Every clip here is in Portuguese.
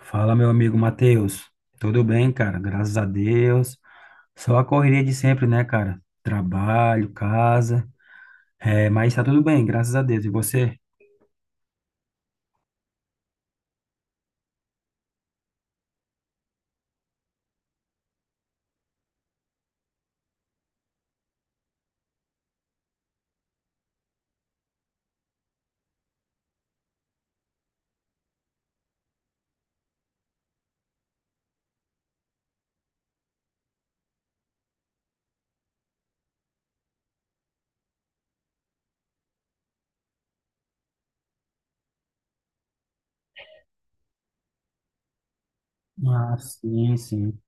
Fala, meu amigo Matheus. Tudo bem, cara? Graças a Deus. Só a correria de sempre, né, cara? Trabalho, casa. É, mas tá tudo bem, graças a Deus. E você? Ah, sim, sim.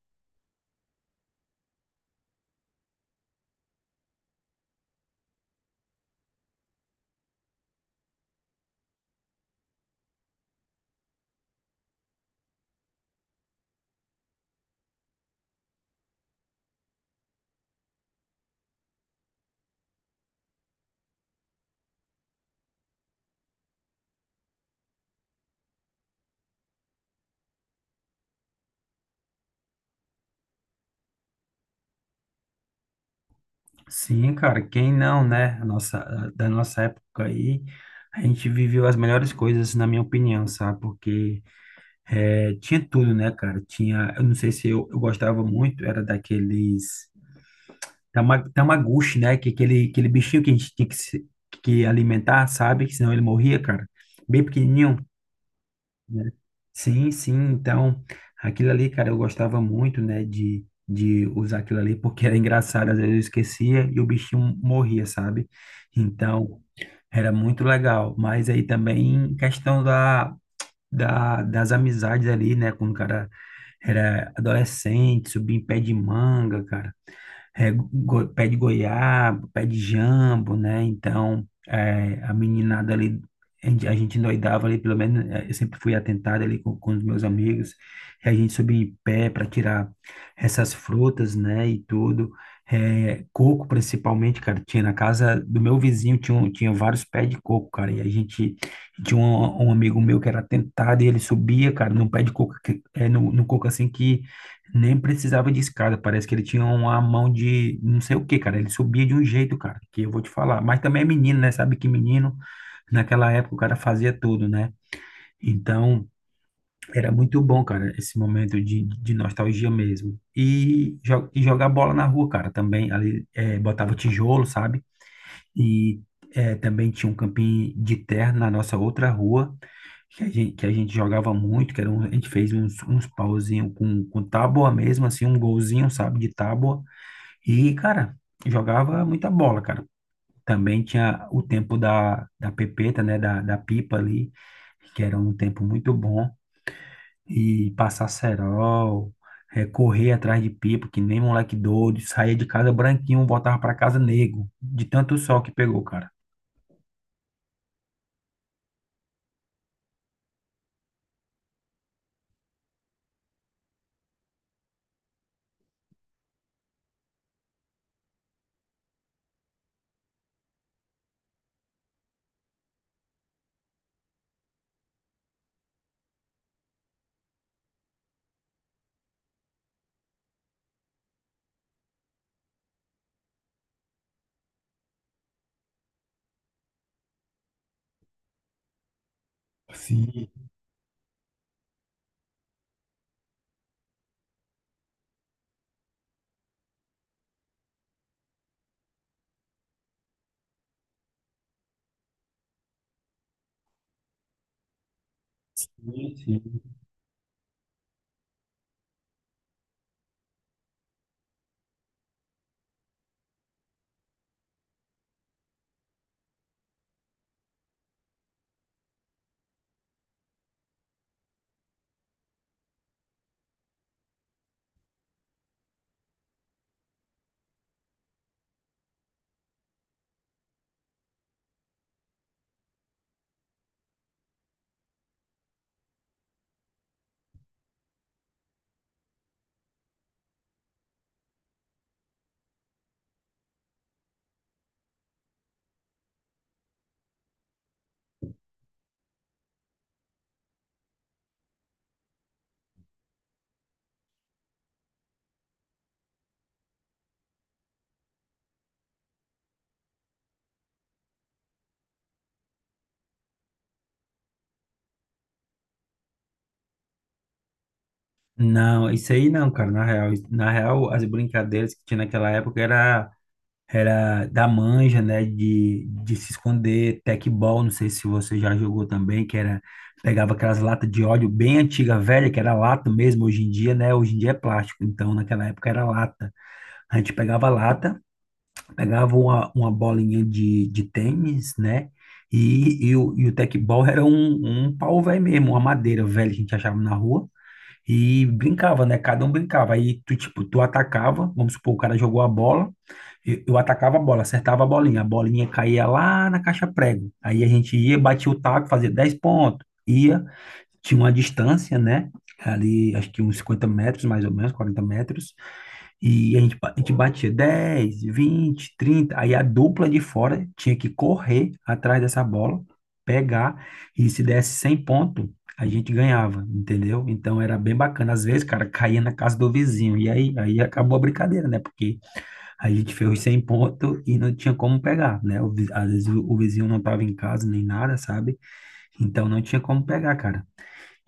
Sim, cara, quem não, né? A nossa, da nossa época aí, a gente viveu as melhores coisas, na minha opinião, sabe? Porque tinha tudo, né, cara? Tinha, eu não sei se eu gostava muito, era daqueles. Tamaguchi, né? Que aquele bichinho que a gente tinha que, que alimentar, sabe? Que senão ele morria, cara. Bem pequenininho, né? Sim, sim. Então, aquilo ali, cara, eu gostava muito, né? De usar aquilo ali, porque era engraçado. Às vezes eu esquecia e o bichinho morria, sabe? Então, era muito legal. Mas aí também, questão das amizades ali, né? Quando o cara era adolescente, subia em pé de manga, cara, pé de goiaba, pé de jambo, né? Então, é, a meninada ali, a gente endoidava ali, pelo menos eu sempre fui atentado ali com os meus amigos, e a gente subia em pé para tirar essas frutas, né? E tudo. É, coco, principalmente, cara, tinha na casa do meu vizinho, tinha, tinha vários pés de coco, cara, e a gente tinha um amigo meu que era atentado e ele subia, cara, num pé de coco, que, no coco assim que nem precisava de escada, parece que ele tinha uma mão de não sei o que, cara. Ele subia de um jeito, cara, que eu vou te falar. Mas também é menino, né? Sabe que menino, naquela época o cara fazia tudo, né? Então, era muito bom, cara, esse momento de nostalgia mesmo. E jogar bola na rua, cara, também. Ali, botava tijolo, sabe? E também tinha um campinho de terra na nossa outra rua, que que a gente jogava muito, que a gente fez uns pauzinhos com tábua mesmo, assim, um golzinho, sabe, de tábua. E, cara, jogava muita bola, cara. Também tinha o tempo da pepeta, né, da pipa ali, que era um tempo muito bom. E passar cerol, correr atrás de pipa, que nem moleque doido, saía de casa branquinho, voltava para casa negro, de tanto sol que pegou, cara. Sim, sim. Não, isso aí não, cara. Na real, na real, as brincadeiras que tinha naquela época era da manja, né? De se esconder, tecbol, não sei se você já jogou também, que pegava aquelas latas de óleo bem antiga, velha, que era lata mesmo, hoje em dia, né? Hoje em dia é plástico, então naquela época era lata. A gente pegava lata, pegava uma bolinha de tênis, né? E o tecbol era um pau velho mesmo, uma madeira velha que a gente achava na rua. E brincava, né? Cada um brincava. Aí tu, tipo, tu atacava, vamos supor, o cara jogou a bola, eu atacava a bola, acertava a bolinha caía lá na caixa prego. Aí a gente ia, batia o taco, fazia 10 pontos, ia, tinha uma distância, né? Ali, acho que uns 50 metros, mais ou menos, 40 metros. E a gente, a gente batia 10, 20, 30 Aí a dupla de fora tinha que correr atrás dessa bola, pegar. E se desse 100 pontos, a gente ganhava, entendeu? Então era bem bacana. Às vezes, cara, caía na casa do vizinho. E aí, aí acabou a brincadeira, né? Porque a gente fez os 100 pontos e não tinha como pegar, né? Às vezes o vizinho não tava em casa nem nada, sabe? Então não tinha como pegar, cara.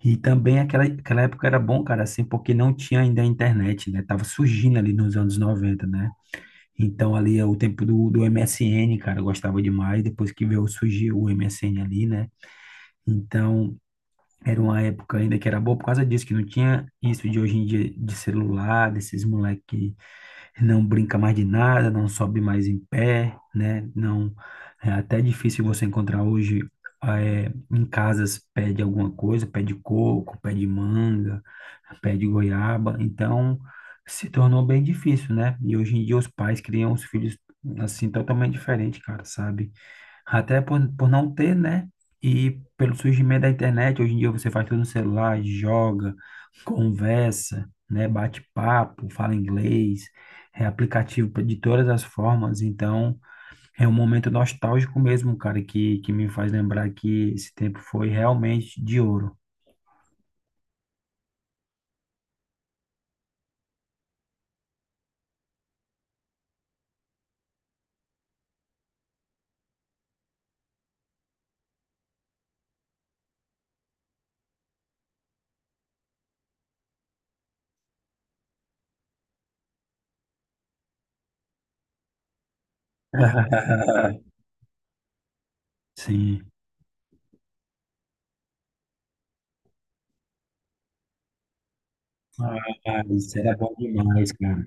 E também aquela época era bom, cara, assim, porque não tinha ainda a internet, né? Tava surgindo ali nos anos 90, né? Então ali é o tempo do MSN, cara, eu gostava demais, depois que veio surgir o MSN ali, né? Então era uma época ainda que era boa por causa disso, que não tinha isso de hoje em dia de celular, desses moleques não brinca mais de nada, não sobe mais em pé, né? Não, é até difícil você encontrar hoje em casas pé de alguma coisa, pé de coco, pé de manga, pé de goiaba. Então, se tornou bem difícil, né? E hoje em dia os pais criam os filhos assim totalmente diferente, cara, sabe? Até por não ter, né? E pelo surgimento da internet, hoje em dia você faz tudo no celular, joga, conversa, né? Bate papo, fala inglês, é aplicativo de todas as formas. Então, é um momento nostálgico mesmo, cara, que me faz lembrar que esse tempo foi realmente de ouro. Sim. Ah, isso era bom demais, cara.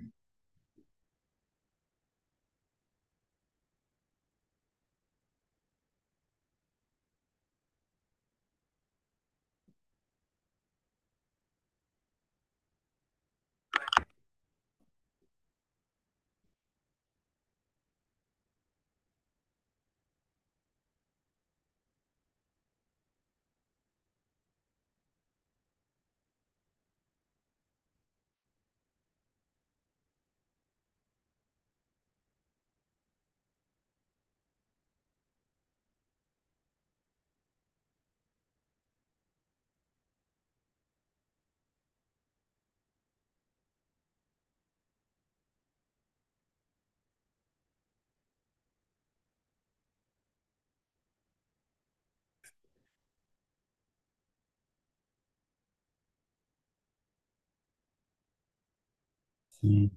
Sim,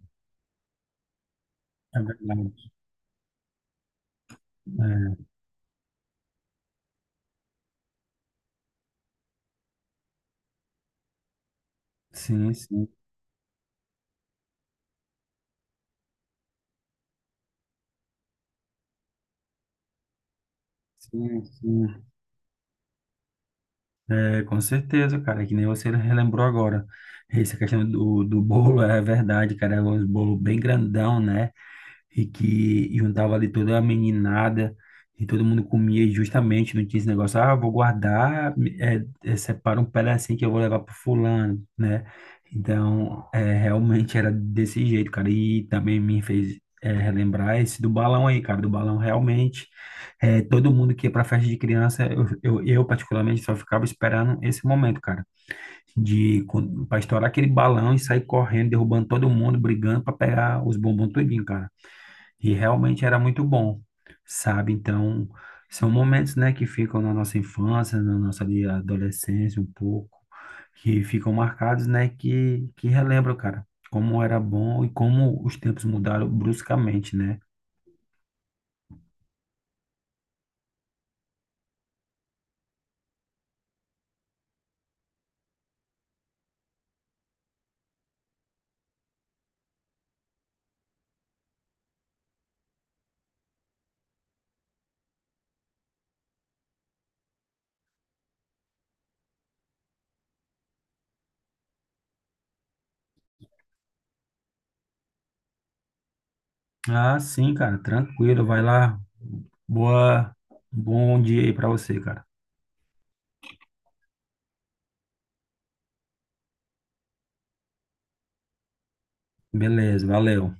é verdade. É, sim, sim, sim, sim. É, com certeza, cara, que nem você relembrou agora. Essa questão do bolo é verdade, cara, é um bolo bem grandão, né? E que juntava ali toda a meninada e todo mundo comia e justamente, não tinha esse negócio, ah, vou guardar, separa um pedacinho que eu vou levar pro fulano, né? Então, é, realmente era desse jeito, cara, e também me fez relembrar esse do balão aí, cara, do balão realmente, todo mundo que ia pra festa de criança, eu particularmente só ficava esperando esse momento, cara, de para estourar aquele balão e sair correndo, derrubando todo mundo, brigando para pegar os bombons tudinho, cara. E realmente era muito bom, sabe? Então, são momentos, né, que ficam na nossa infância, na nossa ali adolescência um pouco, que ficam marcados, né, que relembram, cara, como era bom e como os tempos mudaram bruscamente, né? Ah, sim, cara, tranquilo, vai lá. Boa, bom dia aí pra você, cara. Beleza, valeu.